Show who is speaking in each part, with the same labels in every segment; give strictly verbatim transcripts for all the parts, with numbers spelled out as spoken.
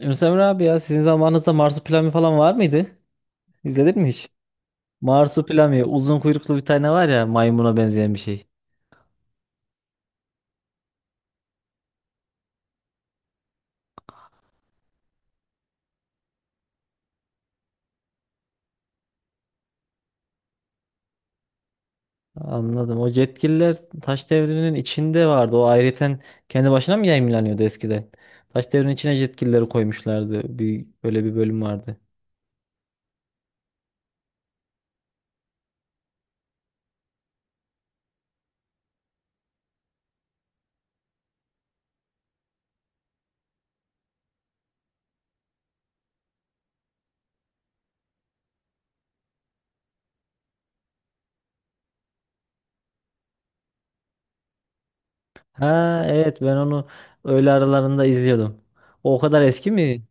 Speaker 1: Yunus Emre abi, ya sizin zamanınızda Marsupilami falan var mıydı? İzledin mi hiç? Marsupilami, uzun kuyruklu bir tane var ya, maymuna benzeyen bir şey. Anladım. O yetkililer Taş Devri'nin içinde vardı. O ayrıyeten kendi başına mı yayınlanıyordu eskiden? Taş Devri'nin içine yetkilileri koymuşlardı. Bir, böyle bir bölüm vardı. Ha evet, ben onu öğle aralarında izliyordum. O o kadar eski mi?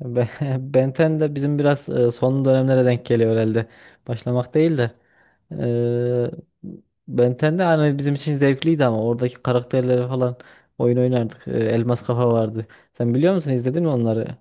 Speaker 1: Be- Ben on de bizim biraz e, son dönemlere denk geliyor herhalde. Başlamak değil de. Eee Ben on de hani bizim için zevkliydi ama oradaki karakterleri falan oyun oynardık. Eee, Elmas Kafa vardı. Sen biliyor musun? İzledin mi onları?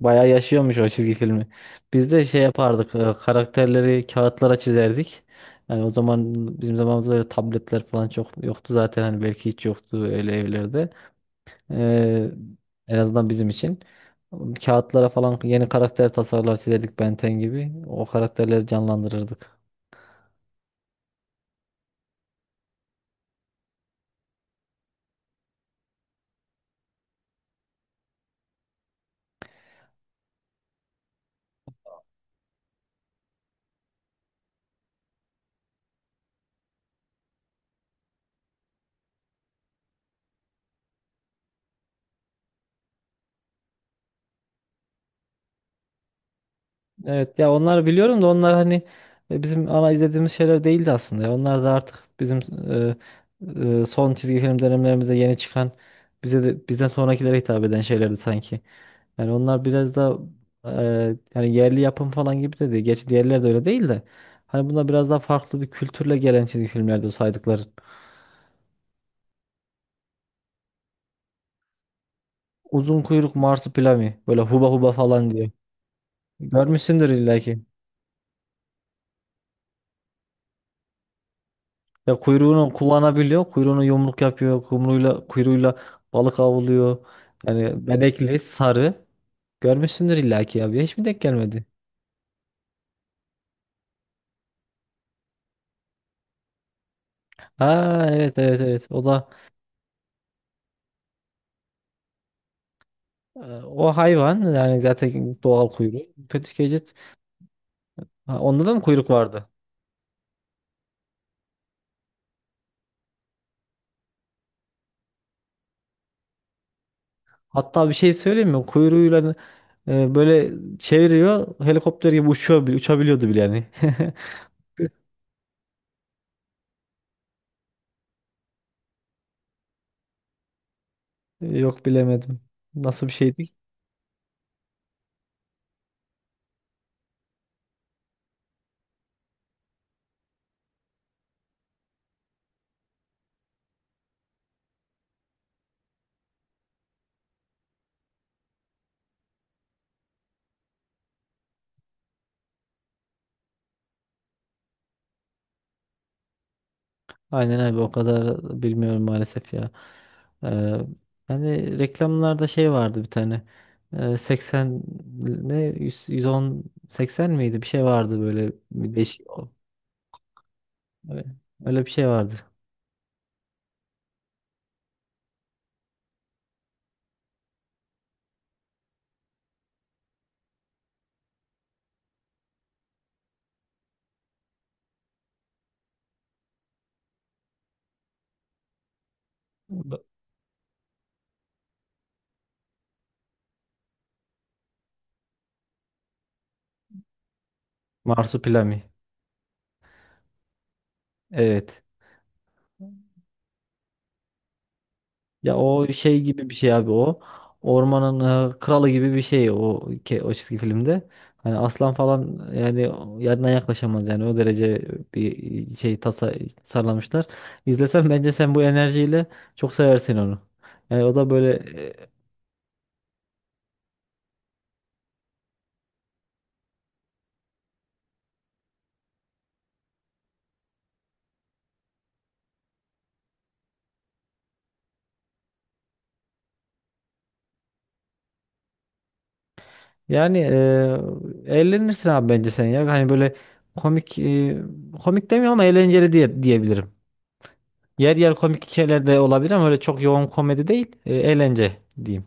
Speaker 1: Bayağı yaşıyormuş o çizgi filmi. Biz de şey yapardık. e, Karakterleri kağıtlara çizerdik. Yani o zaman bizim zamanımızda öyle tabletler falan çok yoktu zaten. Hani belki hiç yoktu öyle evlerde. Ee, En azından bizim için. Kağıtlara falan yeni karakter tasarlar çizerdik, Benten gibi. O karakterleri canlandırırdık. Evet ya, onlar biliyorum da onlar hani e, bizim ana izlediğimiz şeyler değildi aslında, ya. Onlar da artık bizim e, e, son çizgi film dönemlerimizde yeni çıkan, bize de bizden sonrakilere hitap eden şeylerdi sanki. Yani onlar biraz da e, yani yerli yapım falan gibi de değil. Gerçi diğerleri de öyle değil de. Hani bunlar biraz daha farklı bir kültürle gelen çizgi filmlerdi, o saydıkların. Uzun kuyruk marsupilami, böyle huba huba falan diye. Görmüşsündür illaki. Ya, kuyruğunu kullanabiliyor. Kuyruğunu yumruk yapıyor. Kumruyla, kuyruğuyla balık avlıyor. Yani benekli, sarı. Görmüşsündür illaki ya. Hiç mi denk gelmedi? Ha evet evet evet. O da e, o hayvan, yani zaten doğal kuyruğu. Kötü gecet. Ha, onda da mı kuyruk vardı? Hatta bir şey söyleyeyim mi? Kuyruğuyla e, böyle çeviriyor. Helikopter gibi uçuyor, bile- uçabiliyordu bile yani. Yok, bilemedim. Nasıl bir şeydi? Aynen abi, o kadar bilmiyorum maalesef ya. Ee, Hani reklamlarda şey vardı bir tane. Ee, seksen ne yüz, yüz on seksen miydi? Bir şey vardı böyle, bir değişik. Öyle, öyle bir şey vardı. Marsupilami. Evet. Ya o şey gibi bir şey abi o. Ormanın e, kralı gibi bir şey o, ke- o çizgi filmde. Hani aslan falan yani o- yanına yaklaşamaz, yani o derece bir şey tasa tasarlamışlar. İzlesen bence sen bu enerjiyle çok seversin onu. Yani o da böyle e, yani e, eğlenirsin abi bence sen ya. Hani böyle komik, e, komik demiyorum ama eğlenceli diye diyebilirim. Yer yer komik şeyler de olabilir ama öyle çok yoğun komedi değil. E, eğlence diyeyim.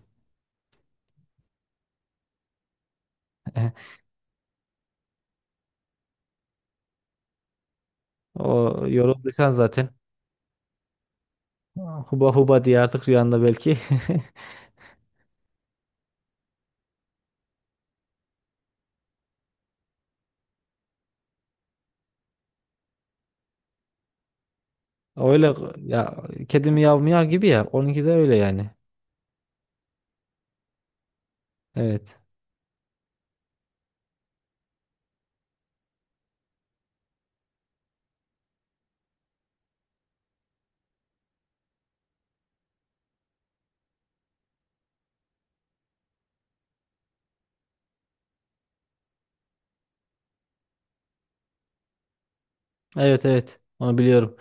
Speaker 1: O yorulduysan zaten huba huba diye artık rüyanda belki. Öyle ya, kedi miyav miyav gibi ya. Onunki de öyle yani. Evet. Evet evet. Onu biliyorum.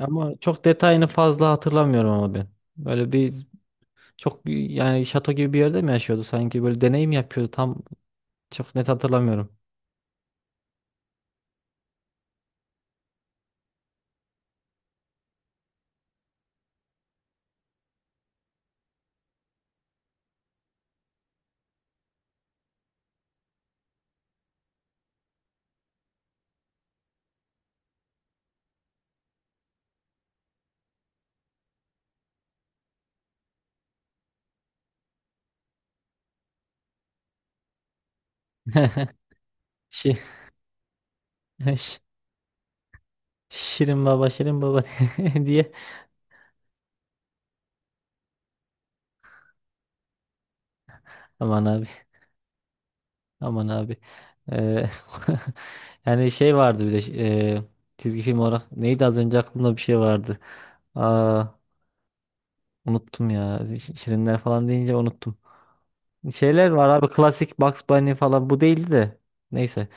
Speaker 1: Ama çok detayını fazla hatırlamıyorum ama ben. Böyle bir, çok yani şato gibi bir yerde mi yaşıyordu sanki, böyle deneyim yapıyordu tam, çok net hatırlamıyorum. Şi- şi- Şirin baba, şirin baba diye, aman abi. Aman abi. Eee, yani şey vardı bir de, eee, çizgi film olarak neydi, az önce aklımda bir şey vardı. Aa, unuttum ya. Ş- Şirinler falan deyince unuttum. Şeyler var abi, klasik Bugs Bunny falan, bu değildi de. Neyse.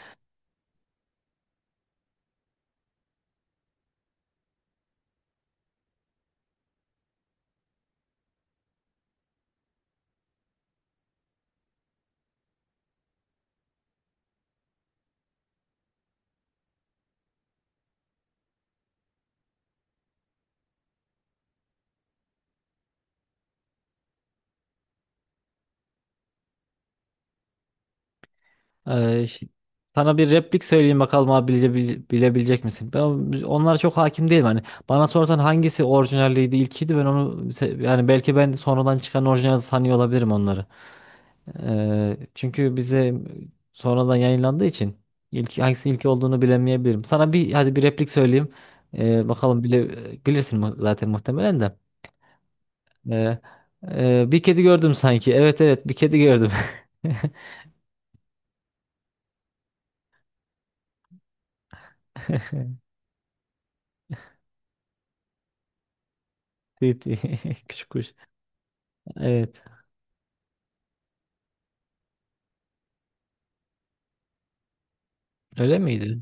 Speaker 1: Eee, ş- Sana bir replik söyleyeyim bakalım abi, bile, bile- bilebilecek misin? Ben onlara çok hakim değilim. Hani bana sorsan hangisi orijinaliydi, ilkiydi, ben onu se- yani belki ben sonradan çıkan orijinal sanıyor olabilirim onları. Ee, çünkü bize sonradan yayınlandığı için ilk hangisi, ilk olduğunu bilemeyebilirim. Sana bir, hadi bir replik söyleyeyim. Ee, bakalım bile bilirsin mu- zaten muhtemelen de. Ee, e, Bir kedi gördüm sanki. Evet evet, bir kedi gördüm. Tüy tüy. Küçük kuş. Evet. Öyle miydi?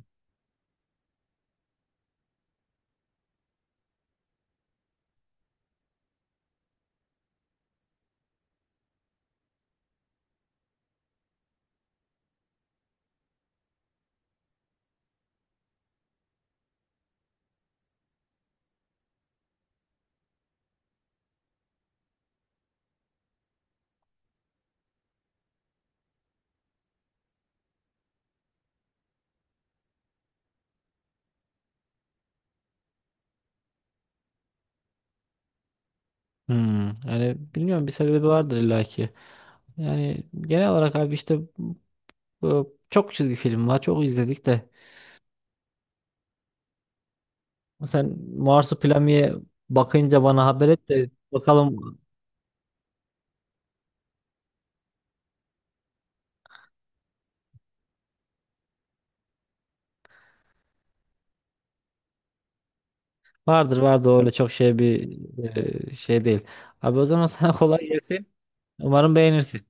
Speaker 1: Hmm, yani bilmiyorum, bir sebebi vardır illaki. Yani genel olarak abi işte, bu- çok çizgi film var. Çok izledik de. Sen Marsupilami'ye bakınca bana haber et de bakalım. Vardır vardır, öyle çok şey bir, e, şey değil. Abi, o zaman sana kolay gelsin. Umarım beğenirsin.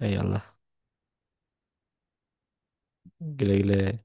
Speaker 1: Eyvallah. Güle güle.